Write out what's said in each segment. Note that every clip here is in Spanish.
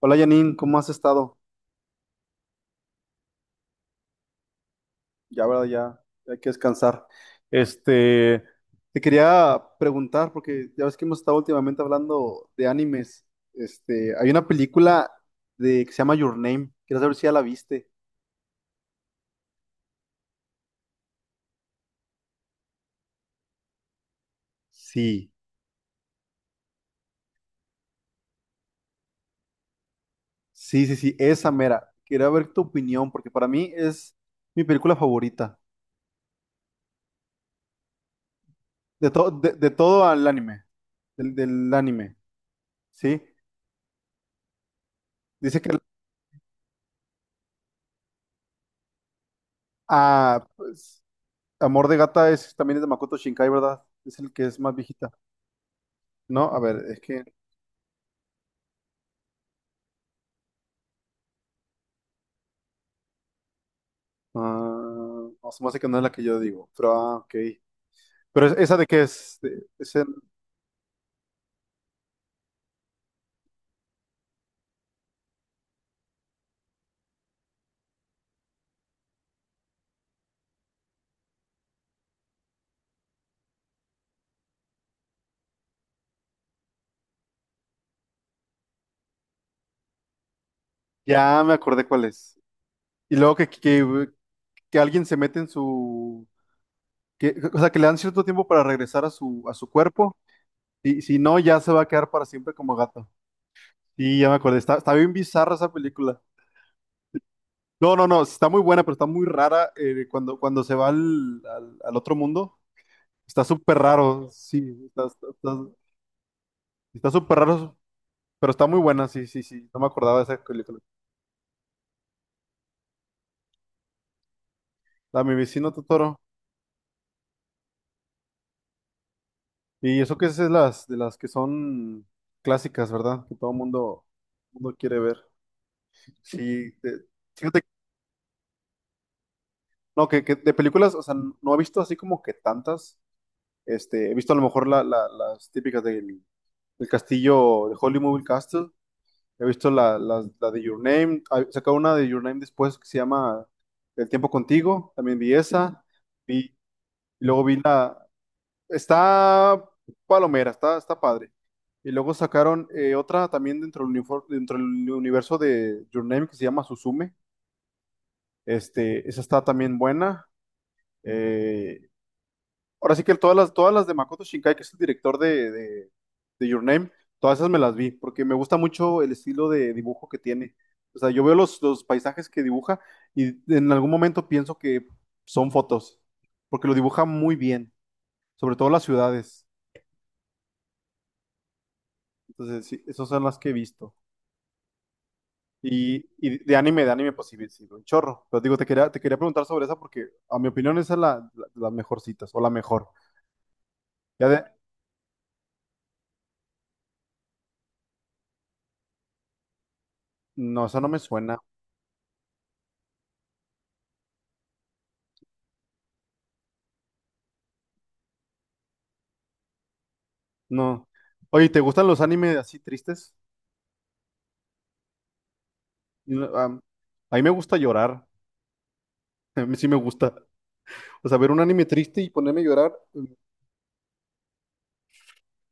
Hola Janine, ¿cómo has estado? Ya, verdad, ya, ya hay que descansar. Este, Te quería preguntar, porque ya ves que hemos estado últimamente hablando de animes. Hay una película que se llama Your Name. Quiero saber si ya la viste. Sí, sí, sí, sí, esa mera. Quería ver tu opinión, porque para mí es mi película favorita. De todo el anime. Del anime, ¿sí? Dice que. Pues, Amor de Gata es, también es de Makoto Shinkai, ¿verdad? Es el que es más viejita. No, a ver, es que. Ah, no, se me hace que no es la que yo digo, pero ah, ok. Pero esa de qué es. Ya me acordé cuál es. Y luego que alguien se mete en su. Que, o sea, que le dan cierto tiempo para regresar a su cuerpo. Y si no, ya se va a quedar para siempre como gato. Sí, ya me acordé. Está bien bizarra esa película. No, no, no, está muy buena, pero está muy rara cuando se va al otro mundo. Está súper raro, sí, está, está, está- está súper raro, pero está muy buena, sí, sí, sí, no me acordaba de esa película. La de Mi vecino Totoro. Y eso que es de las que son clásicas, ¿verdad? Que todo mundo, mundo quiere ver. Sí, de- fíjate, no, que de películas, o sea, no he visto así como que tantas. He visto a lo mejor las típicas del castillo de Holy Castle. He visto la de Your Name. Sacó una de Your Name después que se llama El tiempo contigo. También vi esa. Vi, y luego vi la. Está palomera, está padre. Y luego sacaron otra también dentro dentro del universo de Your Name que se llama Suzume. Esa está también buena. Eh, Ahora sí que todas las de Makoto Shinkai, que es el director de Your Name, todas esas me las vi, porque me gusta mucho el estilo de dibujo que tiene. O sea, yo veo los paisajes que dibuja y en algún momento pienso que son fotos, porque lo dibuja muy bien, sobre todo las ciudades. Entonces, sí, esas son las que he visto. Y de anime, pues sí, sí, un chorro. Pero digo, te quería preguntar sobre esa porque, a mi opinión, esa es las mejorcitas, o la mejor. Ya de, no, esa no me suena. No. Oye, ¿te gustan los animes así tristes? No, a mí me gusta llorar. A mí sí me gusta. O sea, ver un anime triste y ponerme a llorar.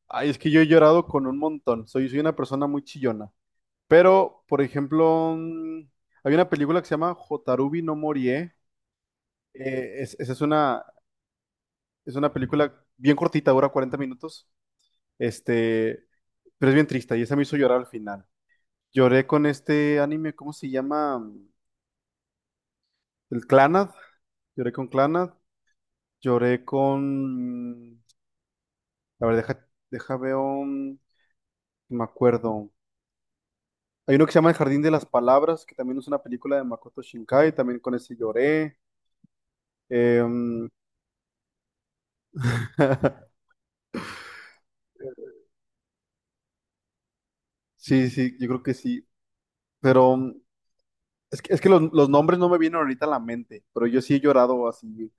Ay, es que yo he llorado con un montón. Soy una persona muy chillona. Pero, por ejemplo, hay una película que se llama Hotarubi no Morie. Esa es una película bien cortita, dura 40 minutos. Este, pero es bien triste y esa me hizo llorar al final. Lloré con este anime, ¿cómo se llama? El Clannad. Lloré con Clannad. Lloré con. A ver, deja veo. Me acuerdo. Hay uno que se llama El Jardín de las Palabras, que también es una película de Makoto Shinkai, también con ese lloré. Em, sí, sí, yo creo que sí. Pero es que, los nombres no me vienen ahorita a la mente, pero yo sí he llorado así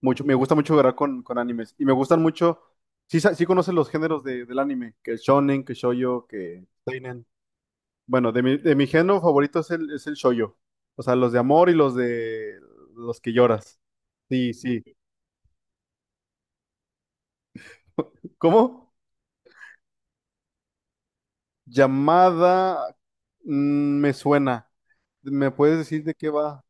mucho. Me gusta mucho llorar con animes. Y me gustan mucho. Sí, sí conoces los géneros del anime, que es shonen, que shoujo, que seinen. Bueno, de mi género favorito es el shoujo. O sea, los de amor y los de los que lloras. Sí, sí. ¿Cómo? Llamada, me suena. ¿Me puedes decir de qué va?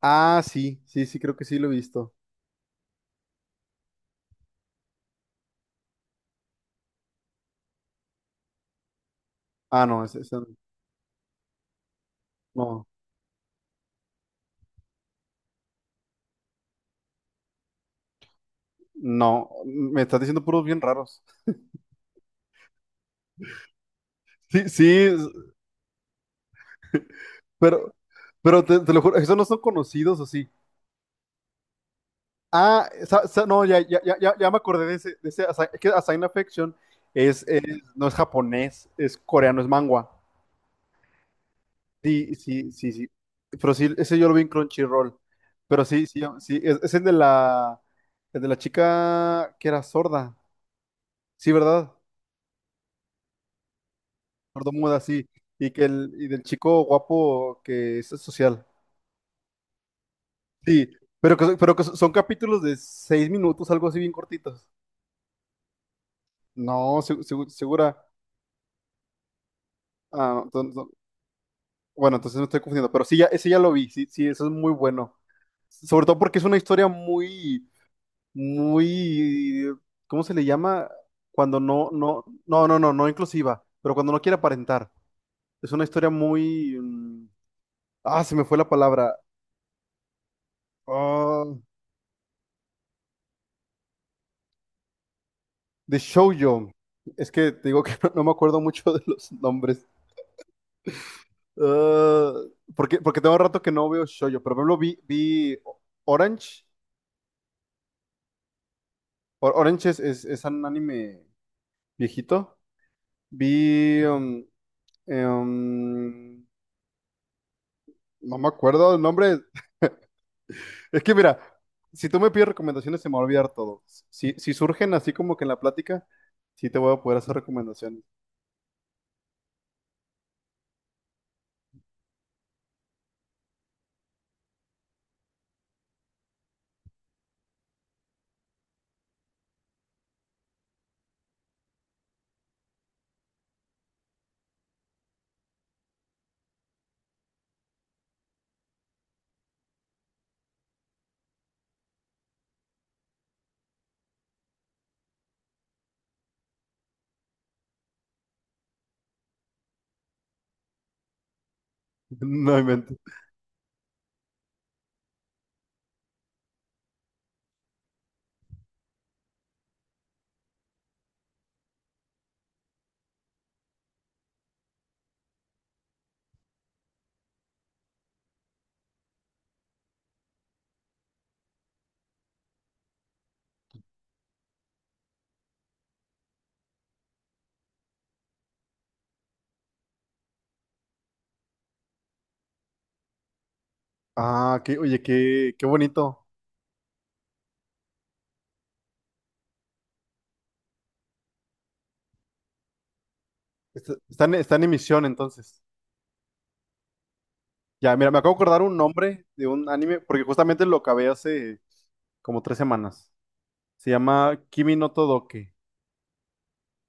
Ah, sí, sí, sí, creo que sí lo he visto. Ah, no, no, no, me estás diciendo puros bien raros. Sí, sí, pero, pero, te lo juro, esos no son conocidos o sí. Ah, no, ya, ya, ya, ya ya me acordé de ese es que Asign Affection es, es- no es japonés, es coreano, es manhwa. Sí, sí, sí, sí. Pero sí, ese yo lo vi en Crunchyroll. Pero sí, sí, sí, es el de la chica que era sorda. Sí, ¿verdad? Sordomuda, sí. Y del chico guapo que es social. Sí, pero que son capítulos de 6 minutos, algo así bien cortitos. No, segura. Ah, no, no, no. Bueno, entonces no estoy confundiendo, pero sí, ya, ese ya lo vi, sí, sí, eso es muy bueno. Sobre todo porque es una historia muy, muy, ¿cómo se le llama? Cuando no, no, no, no, no, no inclusiva, pero cuando no quiere aparentar. Es una historia muy, se me fue la palabra, ah, de shoujo. Es que te digo que no, no me acuerdo mucho de los nombres. Ah, porque tengo rato que no veo shoujo, pero por ejemplo vi Orange. Orange es un anime viejito. Vi, um, eh, um, no me acuerdo el nombre. Es que mira, si tú me pides recomendaciones se me va a olvidar todo. Si, si surgen así como que en la plática, sí te voy a poder hacer recomendaciones. No inventes. Ah, oye, qué bonito. Está en emisión entonces. Ya, mira, me acabo de acordar un nombre de un anime, porque justamente lo acabé hace como 3 semanas. Se llama Kimi no Todoke.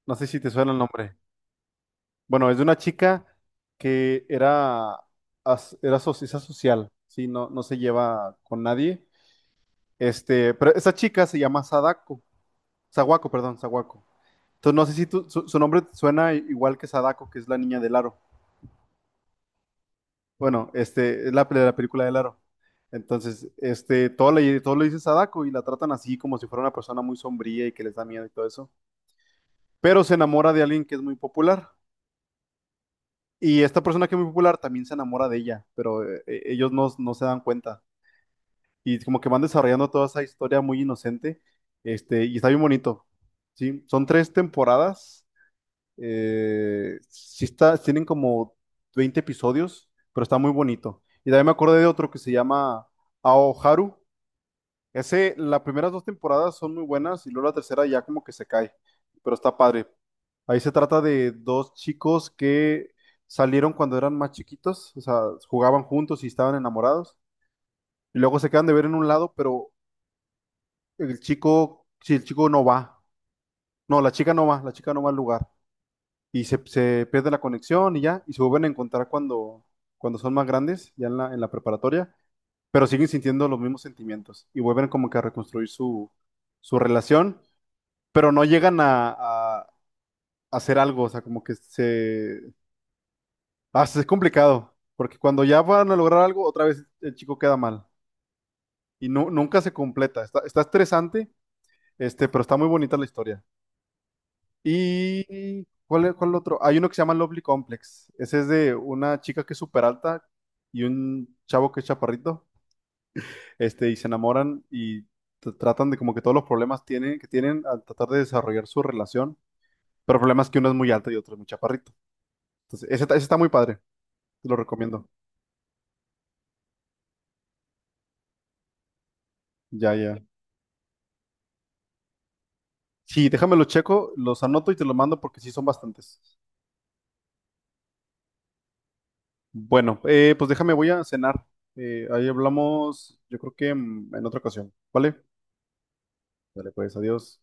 No sé si te suena el nombre. Bueno, es de una chica que era, era socializa social, sí, no, no se lleva con nadie. Pero esa chica se llama Sadako, Sawako, perdón, Sawako. Entonces no sé si su nombre suena igual que Sadako, que es la niña del aro. Bueno, la película del aro. Entonces, todo le dice Sadako y la tratan así como si fuera una persona muy sombría y que les da miedo y todo eso. Pero se enamora de alguien que es muy popular. Y esta persona que es muy popular también se enamora de ella, pero ellos no, no se dan cuenta. Y como que van desarrollando toda esa historia muy inocente, y está bien bonito. Sí, son 3 temporadas. Sí tienen como 20 episodios, pero está muy bonito. Y también me acordé de otro que se llama Aoharu. Ese, las primeras 2 temporadas son muy buenas y luego la tercera ya como que se cae, pero está padre. Ahí se trata de dos chicos que salieron cuando eran más chiquitos, o sea, jugaban juntos y estaban enamorados, y luego se quedan de ver en un lado, pero el chico, si el chico no va, no, la chica no va, la chica no va al lugar, y se pierde la conexión y ya, y se vuelven a encontrar cuando son más grandes, ya en la preparatoria, pero siguen sintiendo los mismos sentimientos y vuelven como que a reconstruir su relación. Pero no llegan a, a hacer algo, o sea, como que se. Ah, es complicado, porque cuando ya van a lograr algo, otra vez el chico queda mal y nunca se completa. Está estresante, pero está muy bonita la historia. ¿Y cuál otro? Hay uno que se llama Lovely Complex. Ese es de una chica que es súper alta y un chavo que es chaparrito, y se enamoran y tratan de como que todos los problemas tienen, que tienen al tratar de desarrollar su relación, pero el problema es que uno es muy alto y otro es muy chaparrito. Entonces, ese está muy padre, te lo recomiendo. Ya, ya. Sí, déjame lo checo, los anoto y te lo mando porque sí son bastantes. Bueno, pues déjame, voy a cenar. Ahí hablamos, yo creo que en otra ocasión, ¿vale? Dale, pues, adiós.